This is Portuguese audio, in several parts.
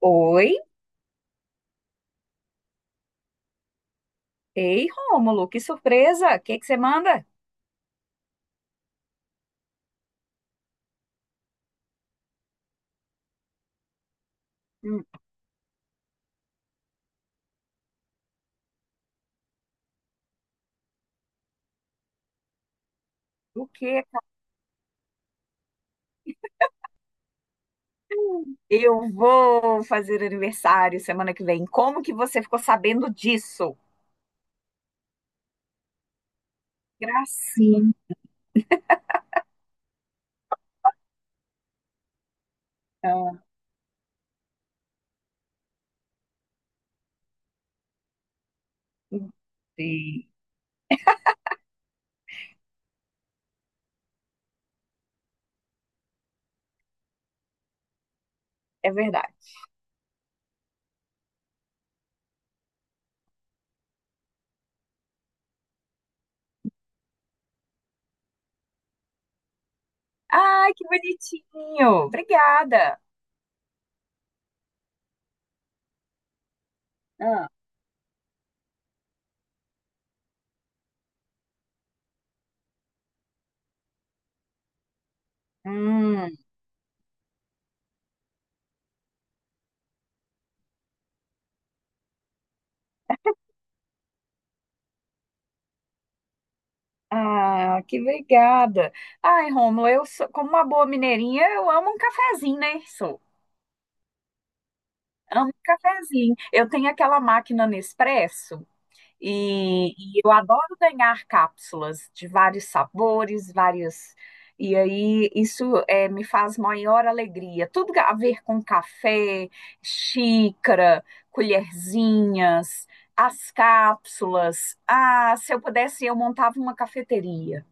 Oi? Ei, Rômulo, que surpresa! O que é que você manda? Hum. O que? Eu vou fazer aniversário semana que vem. Como que você ficou sabendo disso? Gracinha. Sim. É verdade. Ai, que bonitinho! Obrigada. Ah. Hum. Ah, que obrigada. Ai, Rômulo, eu sou, como uma boa mineirinha, eu amo um cafezinho, né? Sou. Amo um cafezinho. Eu tenho aquela máquina Nespresso. E eu adoro ganhar cápsulas de vários sabores, várias. E aí isso me faz maior alegria. Tudo a ver com café, xícara, colherzinhas, as cápsulas. Ah, se eu pudesse, eu montava uma cafeteria.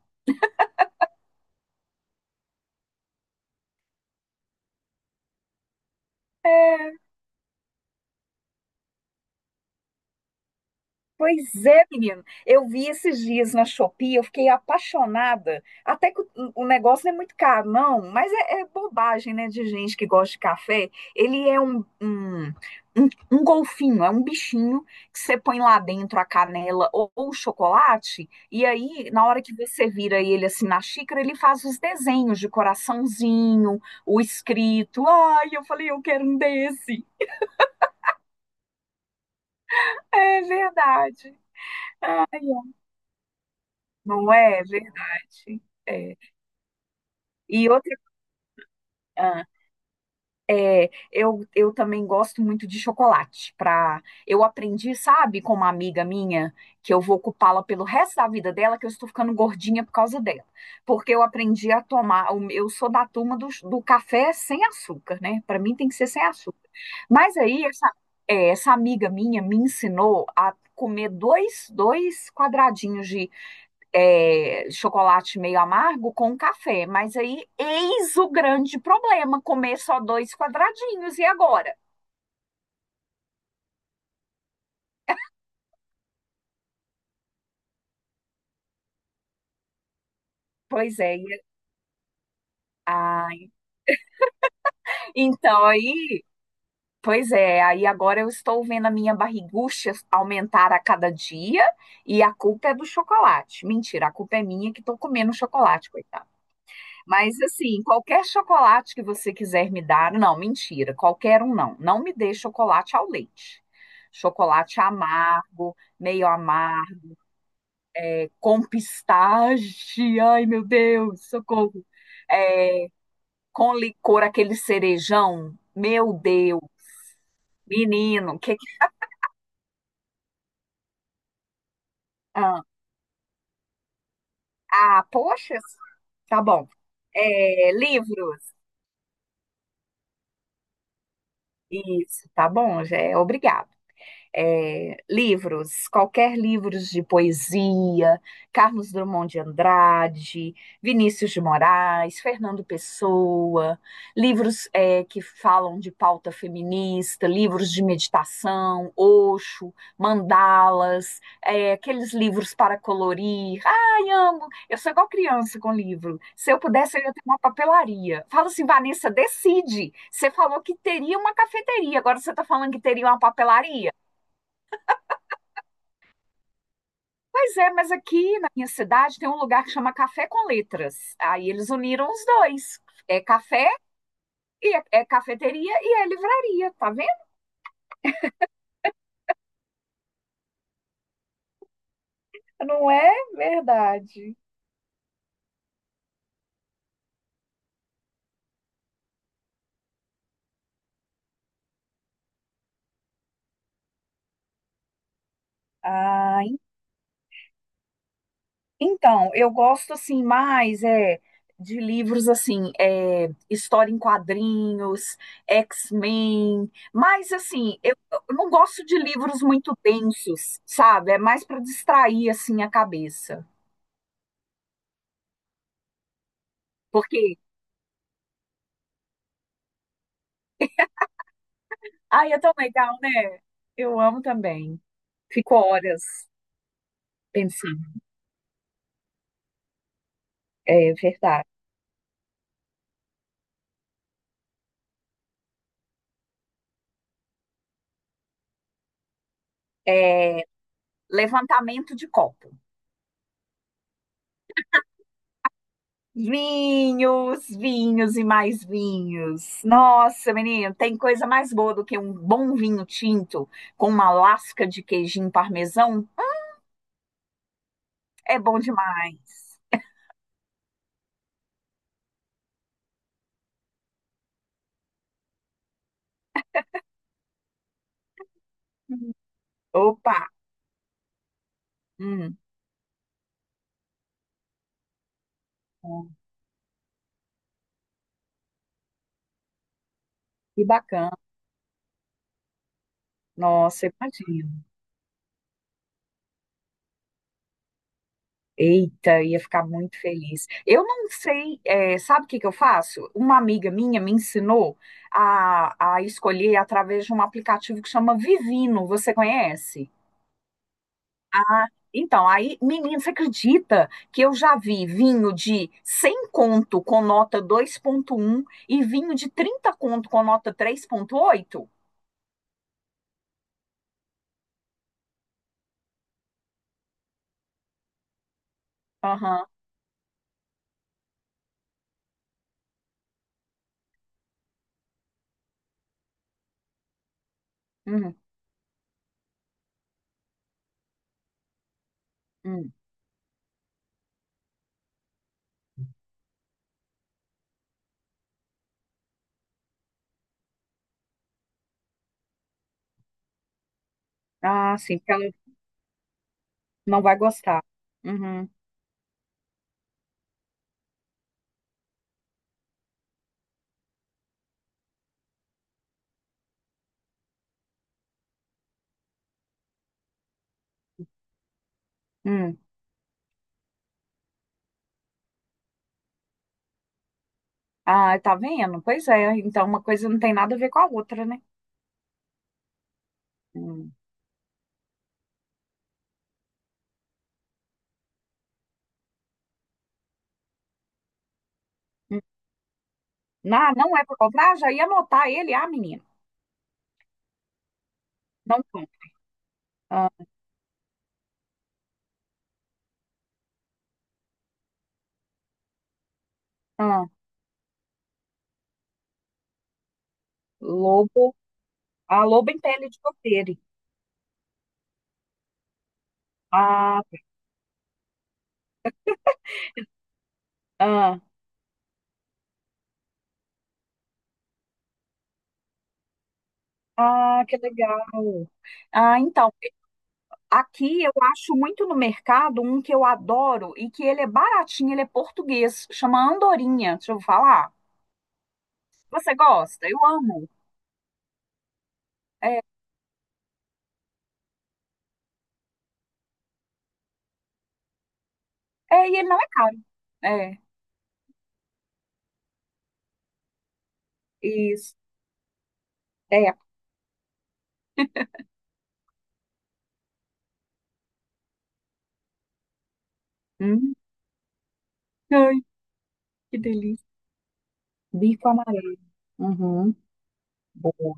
É. Pois é, menino. Eu vi esses dias na Shopee, eu fiquei apaixonada. Até que o, negócio não é muito caro, não, mas é, é bobagem, né, de gente que gosta de café. Ele é um golfinho, é um bichinho que você põe lá dentro a canela ou o chocolate, e aí, na hora que você vira ele assim na xícara, ele faz os desenhos de coraçãozinho, o escrito. Ai, eu falei, eu quero um desse. É verdade. Não é verdade. É. E outra, ah, é, eu também gosto muito de chocolate. Pra, eu aprendi, sabe, com uma amiga minha, que eu vou ocupá-la pelo resto da vida dela, que eu estou ficando gordinha por causa dela. Porque eu aprendi a tomar, eu sou da turma do café sem açúcar, né? Para mim tem que ser sem açúcar. Mas aí, essa amiga minha me ensinou a comer dois quadradinhos chocolate meio amargo com café. Mas aí, eis o grande problema: comer só dois quadradinhos. E agora? Pois é. Ai. Então, aí. Pois é, aí agora eu estou vendo a minha barrigucha aumentar a cada dia e a culpa é do chocolate. Mentira, a culpa é minha que estou comendo chocolate, coitada. Mas assim, qualquer chocolate que você quiser me dar, não, mentira, qualquer um não. Não me dê chocolate ao leite. Chocolate amargo, meio amargo, com pistache, ai meu Deus, socorro. É, com licor, aquele cerejão, meu Deus, menino, que que. Ah, ah, poxa, tá bom. É, livros, isso, tá bom, já é obrigado. É, livros, qualquer livros de poesia, Carlos Drummond de Andrade, Vinícius de Moraes, Fernando Pessoa, livros que falam de pauta feminista, livros de meditação, Osho, mandalas, aqueles livros para colorir. Ai, amo! Eu sou igual criança com livro. Se eu pudesse, eu ia ter uma papelaria. Fala assim, Vanessa, decide. Você falou que teria uma cafeteria, agora você está falando que teria uma papelaria. Pois é, mas aqui na minha cidade tem um lugar que chama Café com Letras. Aí eles uniram os dois. É café e é, é cafeteria e é livraria, tá vendo? Não é verdade. Ah, então, eu gosto assim mais é de livros assim, história em quadrinhos, X-Men, mas assim, eu não gosto de livros muito densos, sabe? É mais para distrair assim a cabeça. Porque Ai, é tão legal, né? Eu amo também. Fico horas pensando. É verdade. Levantamento de copo. Vinhos, vinhos e mais vinhos. Nossa, menino, tem coisa mais boa do que um bom vinho tinto com uma lasca de queijinho parmesão? É bom demais. Uhum. Opa! Hum. Hum, que bacana. Nossa, imagina. Eita, ia ficar muito feliz. Eu não sei, sabe o que que eu faço? Uma amiga minha me ensinou a escolher através de um aplicativo que chama Vivino. Você conhece? Então, aí, menina, você acredita que eu já vi vinho de 100 conto com nota 2.1 e vinho de 30 conto com nota 3.8? Aham. Uhum. Uhum. Ah, sim, porque ela não vai gostar. Uhum. Uhum. Ah, tá vendo? Pois é, então uma coisa não tem nada a ver com a outra, né? Hum. Hum. Não, não é para comprar, já ia anotar ele, ah, menino, não compra. Ah, ah, lobo, ah, lobo em pele de cordeiro. Ah, ah, ah, que legal. Ah, então, aqui eu acho muito no mercado um que eu adoro e que ele é baratinho, ele é português, chama Andorinha, deixa eu falar. Você gosta? Eu amo. É, é, e ele não é caro. É, isso. É. Hum. Que delícia. Bico amarelo. Uhum. Boa.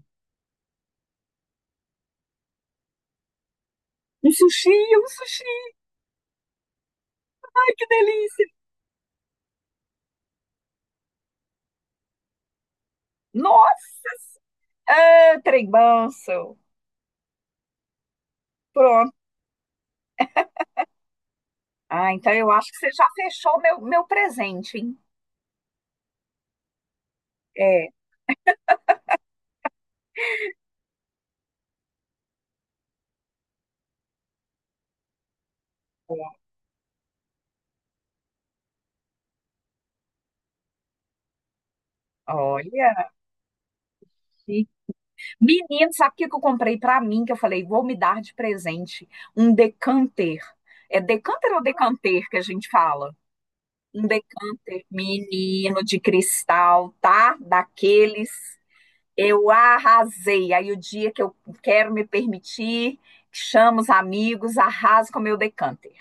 Um sushi, um sushi, que delícia. Nossa, ah, trem manso. Pronto. Ah, então eu acho que você já fechou meu presente, hein? É. Olha, aqui. Menino, sabe o que que eu comprei pra mim? Que eu falei, vou me dar de presente um decanter. É decanter ou decanter que a gente fala? Um decanter, menino de cristal, tá? Daqueles. Eu arrasei. Aí o dia que eu quero me permitir, chamo os amigos, arraso com o meu decanter.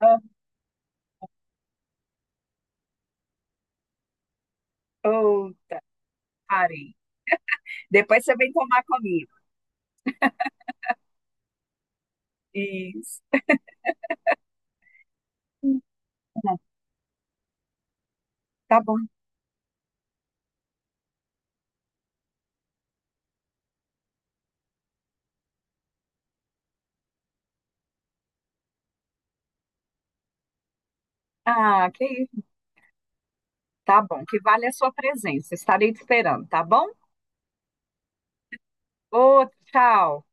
Ah, oh, parei. Depois você vem tomar comigo. Isso. Tá bom. Ah, que tá bom. Que vale a sua presença. Estarei te esperando, tá bom? Ô, tchau.